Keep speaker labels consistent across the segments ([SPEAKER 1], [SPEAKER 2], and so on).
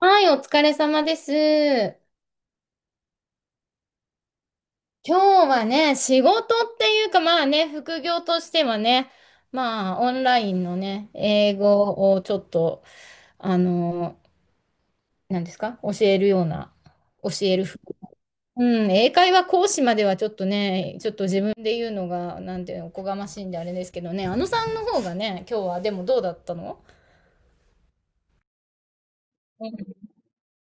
[SPEAKER 1] はい、お疲れ様です。今日はね、仕事っていうか、まあね、副業としてはね、まあ、オンラインのね、英語をちょっと、あの、何ですか、教えるような、教えるふ、うん、英会話講師まではちょっとね、ちょっと自分で言うのが、なんていうの、おこがましいんであれですけどね、あのさんの方がね、今日は、でもどうだったの？うん、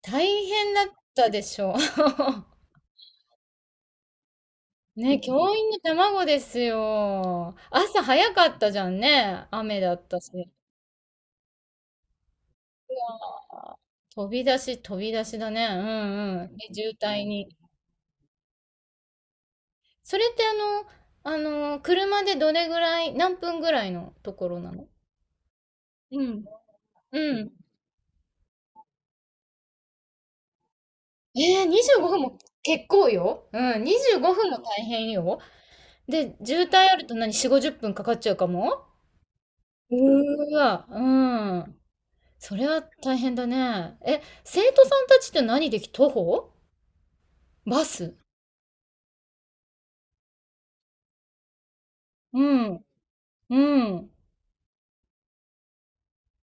[SPEAKER 1] 大変だったでしょう。ね、教員の卵ですよ。朝早かったじゃんね。雨だったし。あー、飛び出しだね。うんうん。で、渋滞に。それってあの、車でどれぐらい、何分ぐらいのところなの？うん。うん。25分も結構よ。うん、25分も大変よ。で、渋滞あると何、4、50分かかっちゃうかも？うーわ、うん。それは大変だね。え、生徒さんたちって何でき、徒歩？バス。うん。うん。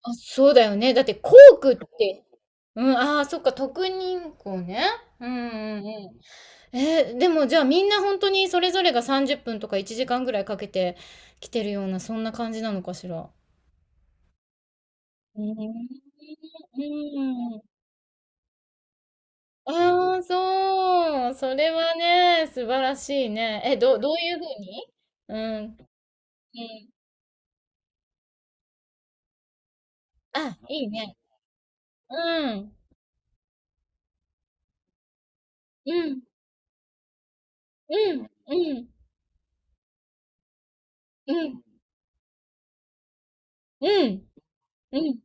[SPEAKER 1] あ、そうだよね。だって校区って、うん、ああ、そっか、特任校ね。うんうんうん。でもじゃあみんな本当にそれぞれが30分とか1時間ぐらいかけて来てるような、そんな感じなのかしら。うん、うん。ああ、そう。それはね、素晴らしいね。え、どういうふうに？うん、うん。あ、いいね。うん、うん、うん、うん、うん、うん。うん、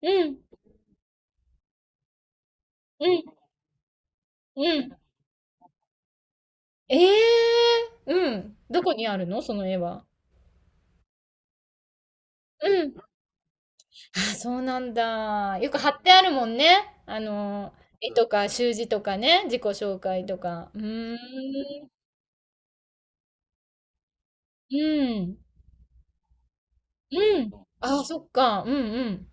[SPEAKER 1] うん、うん、うん。ええ、うん。どこにあるのその絵は？うん。あ、そうなんだ。よく貼ってあるもんね。あの、絵とか習字とかね、自己紹介とか。うーん。うん。うん。あ、そっか。うんうん。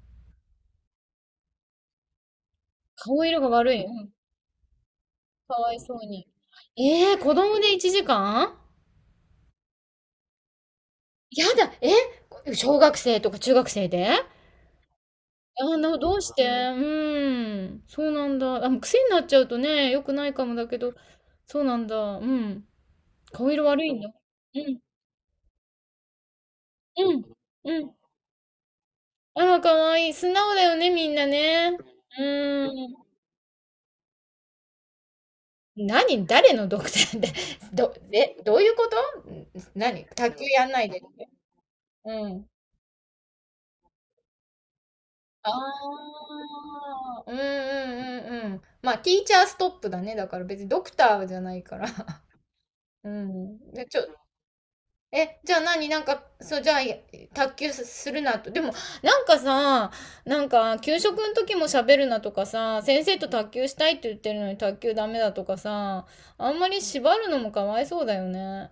[SPEAKER 1] 顔色が悪い。うん。かわいそうに。ええ、子供で1時間？やだ。え、小学生とか中学生で？ああ、どうして？うん。そうなんだ。あ、もう癖になっちゃうとね、良くないかもだけど、そうなんだ。うん。顔色悪いんだ。うん、うん、うん。あら、可愛いい。素直だよね、みんなね。うーん。何？誰のドクターって、どういうこと？ん、何？卓球やんないで。うん。ああ、うんうんうんうん。まあ、ティーチャーストップだね、だから別にドクターじゃないから。うん。で、ちょえ、じゃあ何なんか、そう、じゃあ、卓球するなと。でも、なんかさ、なんか、給食の時も喋るなとかさ、先生と卓球したいって言ってるのに卓球ダメだとかさ、あんまり縛るのもかわいそうだよね。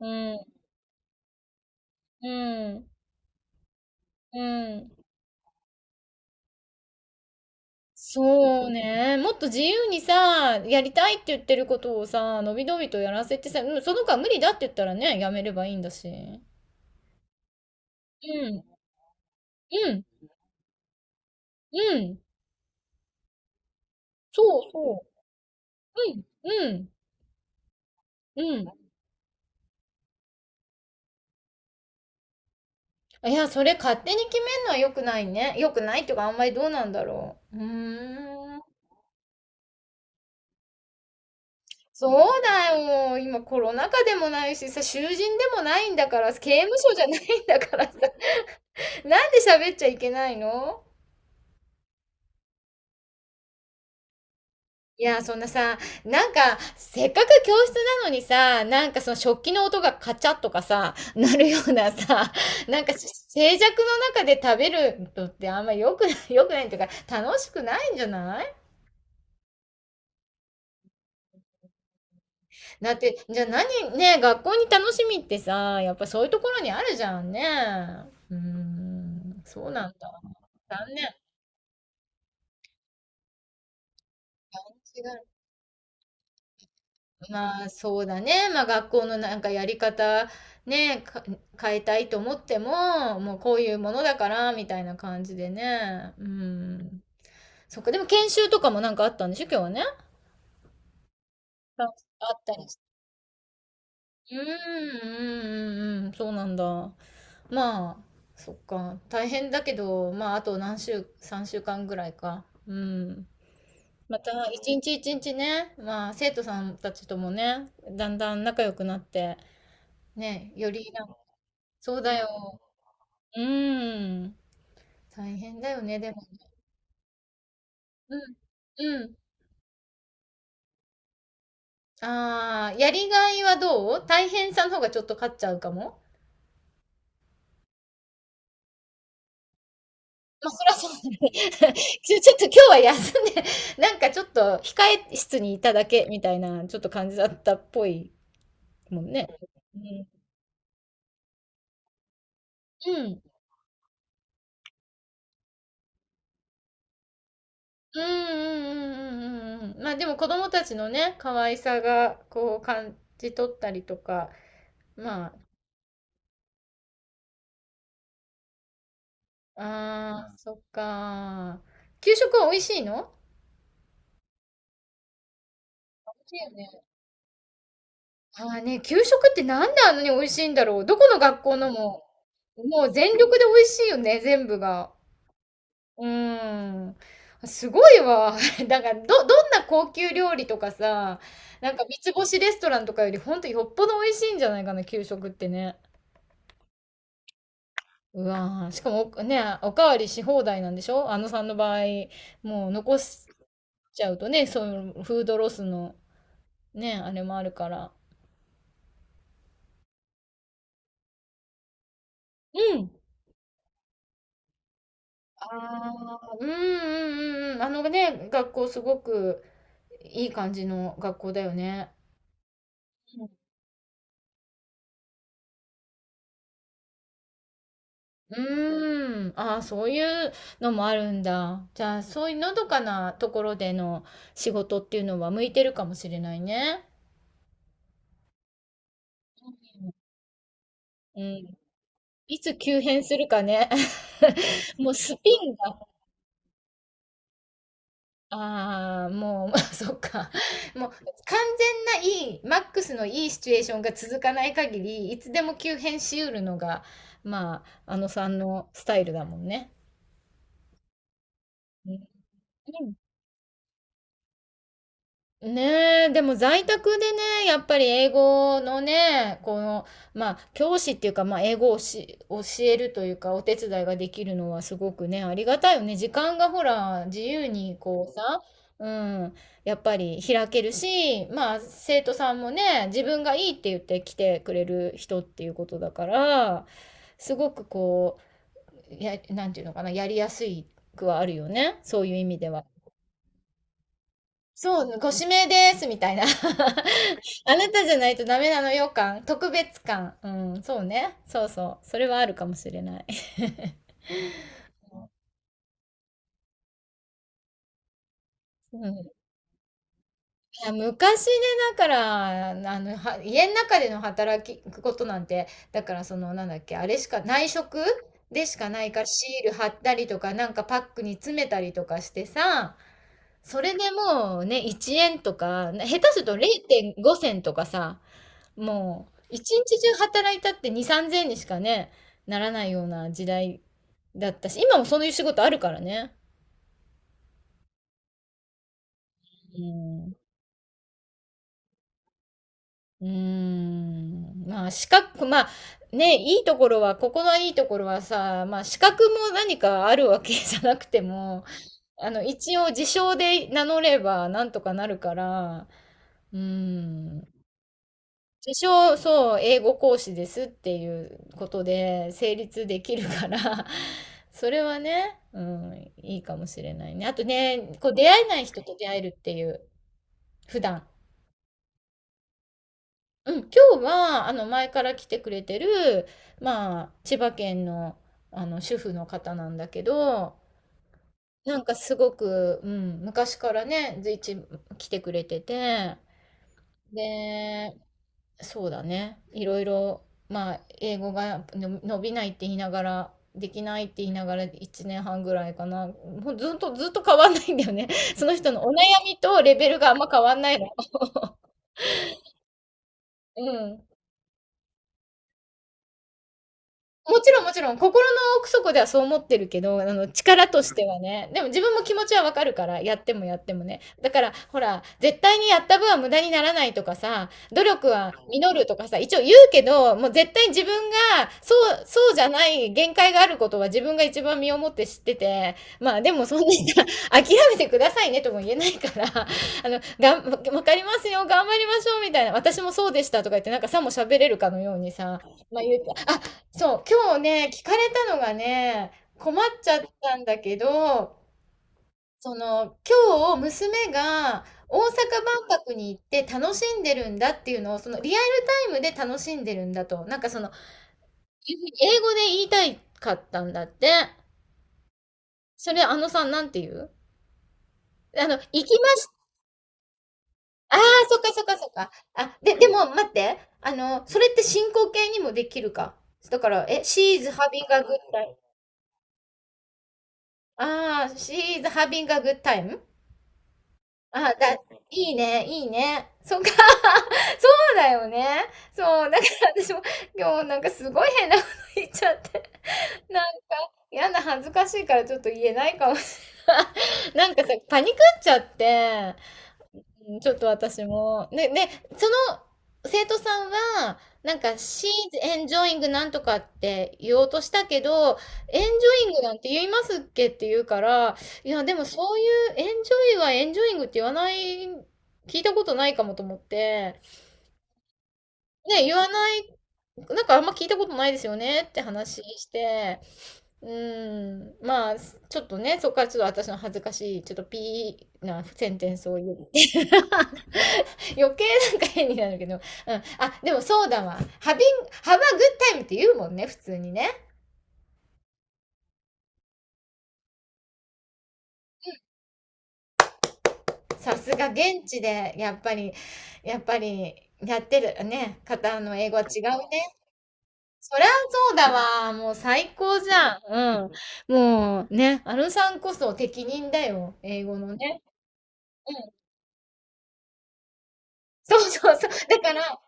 [SPEAKER 1] うん、うん、うん。そうね。もっと自由にさ、やりたいって言ってることをさ、のびのびとやらせてさ、うん、その子は無理だって言ったらね、やめればいいんだし。うん、うん、うん。そうそう。うん、うん、うん。いや、それ勝手に決めるのは良くないね。良くないっていうか、あんまりどうなんだろう。うーん。そうだよ。今コロナ禍でもないしさ、囚人でもないんだから、刑務所じゃないんだからさ、なんで喋っちゃいけないの？いや、そんなさ、なんか、せっかく教室なのにさ、なんかその食器の音がカチャッとかさ、なるようなさ、なんか静寂の中で食べるのってあんま良くない、良くないっていうか、楽しくないんじゃない？だって、じゃあ何、ね、学校に楽しみってさ、やっぱそういうところにあるじゃんね。うーん、そうなんだ。残念。違う。まあ、そうだね。まあ、学校のなんかやり方、ね、変えたいと思っても、もうこういうものだから、みたいな感じでね。うん。そっか、でも研修とかもなんかあったんでしょ、今日はね。ああ、ったりして。うん、うん、うん、うん、そうなんだ。まあ、そっか。大変だけど、まあ、あと3週間ぐらいか。うん。また、一日一日ね、まあ、生徒さんたちともね、だんだん仲良くなって、ね、よりな、そうだよ。うん。大変だよね、でも。うん。うん。ああ、やりがいはどう？大変さの方がちょっと勝っちゃうかも？まあ、そりゃそうだね。ちょっと今日は休んで、なんかちょっと控え室にいただけみたいな、ちょっと感じだったっぽいもんね。うん。うん。うんうんうんうんうんうん。まあでも子供たちのね、可愛さがこう感じ取ったりとか。まあ、ああ、そっか。給食は美味しいの？美味しいよね。ああね、給食ってなんであんなに美味しいんだろう。どこの学校のも、もう全力で美味しいよね、全部が。うーん。すごいわ。なんかどんな高級料理とかさ、なんか三つ星レストランとかよりほんとよっぽど美味しいんじゃないかな、給食ってね。うわー、しかもおかわりし放題なんでしょ、あのさんの場合。もう残しちゃうとね、そういうフードロスのね、あれもあるから。うん。ああ、うんうんうんうん。あのね、学校すごくいい感じの学校だよね。うーん。ああ、そういうのもあるんだ。じゃあ、そういうのどかなところでの仕事っていうのは向いてるかもしれないね。うん。いつ急変するかね。もうスピンが、ああ、もう、そっか。もう完全ないい、マックスのいいシチュエーションが続かない限り、いつでも急変しうるのが、まあ、あのさんのスタイルだもんね。うん。ねえ、でも在宅でね、やっぱり英語のね、この、まあ、教師っていうか、まあ、英語を教えるというか、お手伝いができるのはすごくね、ありがたいよね。時間がほら、自由にこうさ、うん、やっぱり開けるし、まあ、生徒さんもね、自分がいいって言って来てくれる人っていうことだから、すごくこう、なんていうのかな、やりやすくはあるよね。そういう意味では。そう、ご指名です、みたいな。あなたじゃないとダメなのよ感、特別感。うん、そうね。そうそう。それはあるかもしれない。うん、いや昔ね、だから、あの、家の中でのことなんて、だからその、なんだっけ、あれしか、内職でしかないから、シール貼ったりとか、なんかパックに詰めたりとかしてさ、それでもうね、1円とか、下手すると0.5銭とかさ、もう、一日中働いたって2、3000円にしかね、ならないような時代だったし、今もそういう仕事あるからね。うん。うーん。まあ、資格、まあ、ね、いいところは、ここのいいところはさ、まあ、資格も何かあるわけじゃなくても、あの、一応、自称で名乗ればなんとかなるから、うん。自称、そう、英語講師ですっていうことで成立できるから。 それはね、うん、いいかもしれないね。あとね、こう出会えない人と出会えるっていう、普段。うん、今日は、前から来てくれてる、まあ、千葉県の、主婦の方なんだけど、なんかすごく、うん、昔からね、随一来てくれてて、で、そうだね。いろいろ、まあ、英語がの伸びないって言いながら、できないって言いながら1年半ぐらいかな。もうずっと変わんないんだよね。その人のお悩みとレベルがあんま変わんないの。うん。もちろんもちろん、心の奥底ではそう思ってるけど、力としてはね。でも自分も気持ちはわかるから、やってもやってもね。だから、ほら、絶対にやった分は無駄にならないとかさ、努力は実るとかさ、一応言うけど、もう絶対に自分が、そうじゃない限界があることは自分が一番身をもって知ってて、まあでもそんなにさ、諦めてくださいねとも言えないから、がんわかりますよ、頑張りましょうみたいな、私もそうでしたとか言って、なんかさも喋れるかのようにさ、まあ言うて、あ、そう、今日ね、聞かれたのがね、困っちゃったんだけど、その、今日娘が大阪万博に行って楽しんでるんだっていうのを、そのリアルタイムで楽しんでるんだと、なんかその、英語で言いたいかったんだって。それ、あのさん、なんて言う行きました。ああ、そっかそっかそっか。あ、で、でも待って。あの、それって進行形にもできるか。だから、え、she is having a good time. ああ、she is having a good time? あ、だいいね、いいね。そっか。そうだよね。そう、だから私も今日なんかすごい変なこと言っちゃって。なんやな、恥ずかしいからちょっと言えないかもしれない。なんかさ、パニクっちゃって、うん、ちょっと私も。ね、ね、その生徒さんは、なんか、She's enjoying なんとかって言おうとしたけど、enjoying なんて言いますっけって言うから、いや、でもそういう enjoy は enjoying って言わない、聞いたことないかもと思って、ね、言わない、なんかあんま聞いたことないですよねって話して、うん、まあ、ちょっとね、そこからちょっと私の恥ずかしい、ちょっとピーなセンテンスを言って。余計なんか変になるけど。うん。あ、でもそうだわ。ハビン、ハバグッタイムって言うもんね、普通にね。さすが現地で、やっぱり、やっぱり、やってるね、方の英語は違うね。そりゃそうだわ。もう最高じゃん。うん。もうね、あのさんこそ適任だよ。英語のね。うん。そうそうそう。だから、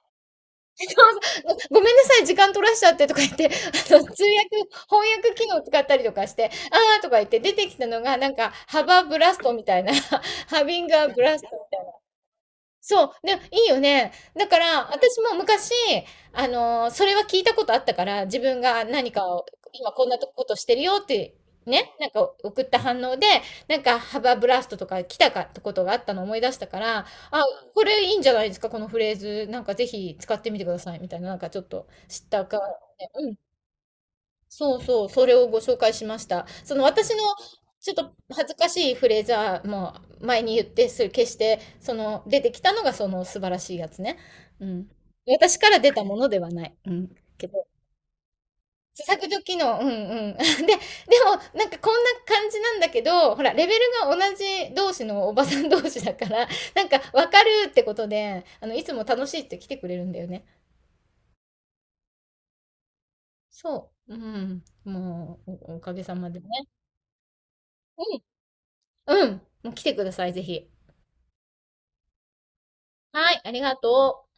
[SPEAKER 1] ごめんなさい、時間取らしちゃってとか言って、通訳、翻訳機能使ったりとかして、ああとか言って出てきたのが、なんか、ハバーブラストみたいな ハビングアブラストみたいそう、で、いいよね。だから、私も昔、それは聞いたことあったから、自分が何かを、今こんなとことしてるよって、ね、なんか送った反応で、なんかハバーブラストとか来たかってことがあったのを思い出したから、あ、これいいんじゃないですか、このフレーズ、なんかぜひ使ってみてください、みたいな、なんかちょっと知ったか、ねそうそう、それをご紹介しました。その私のちょっと恥ずかしいフレーズはもう前に言ってそれ決して、その出てきたのがその素晴らしいやつね。うん。私から出たものではない。うん。けど、削除機能、うんうん。で、でもなんかこんな感じなんだけど、ほら、レベルが同じ同士のおばさん同士だから、なんかわかるってことで、いつも楽しいって来てくれるんだよね。そう。うん。もう、おおかげさまでね。うん。もう来てください、ぜひ。はい、ありがとう。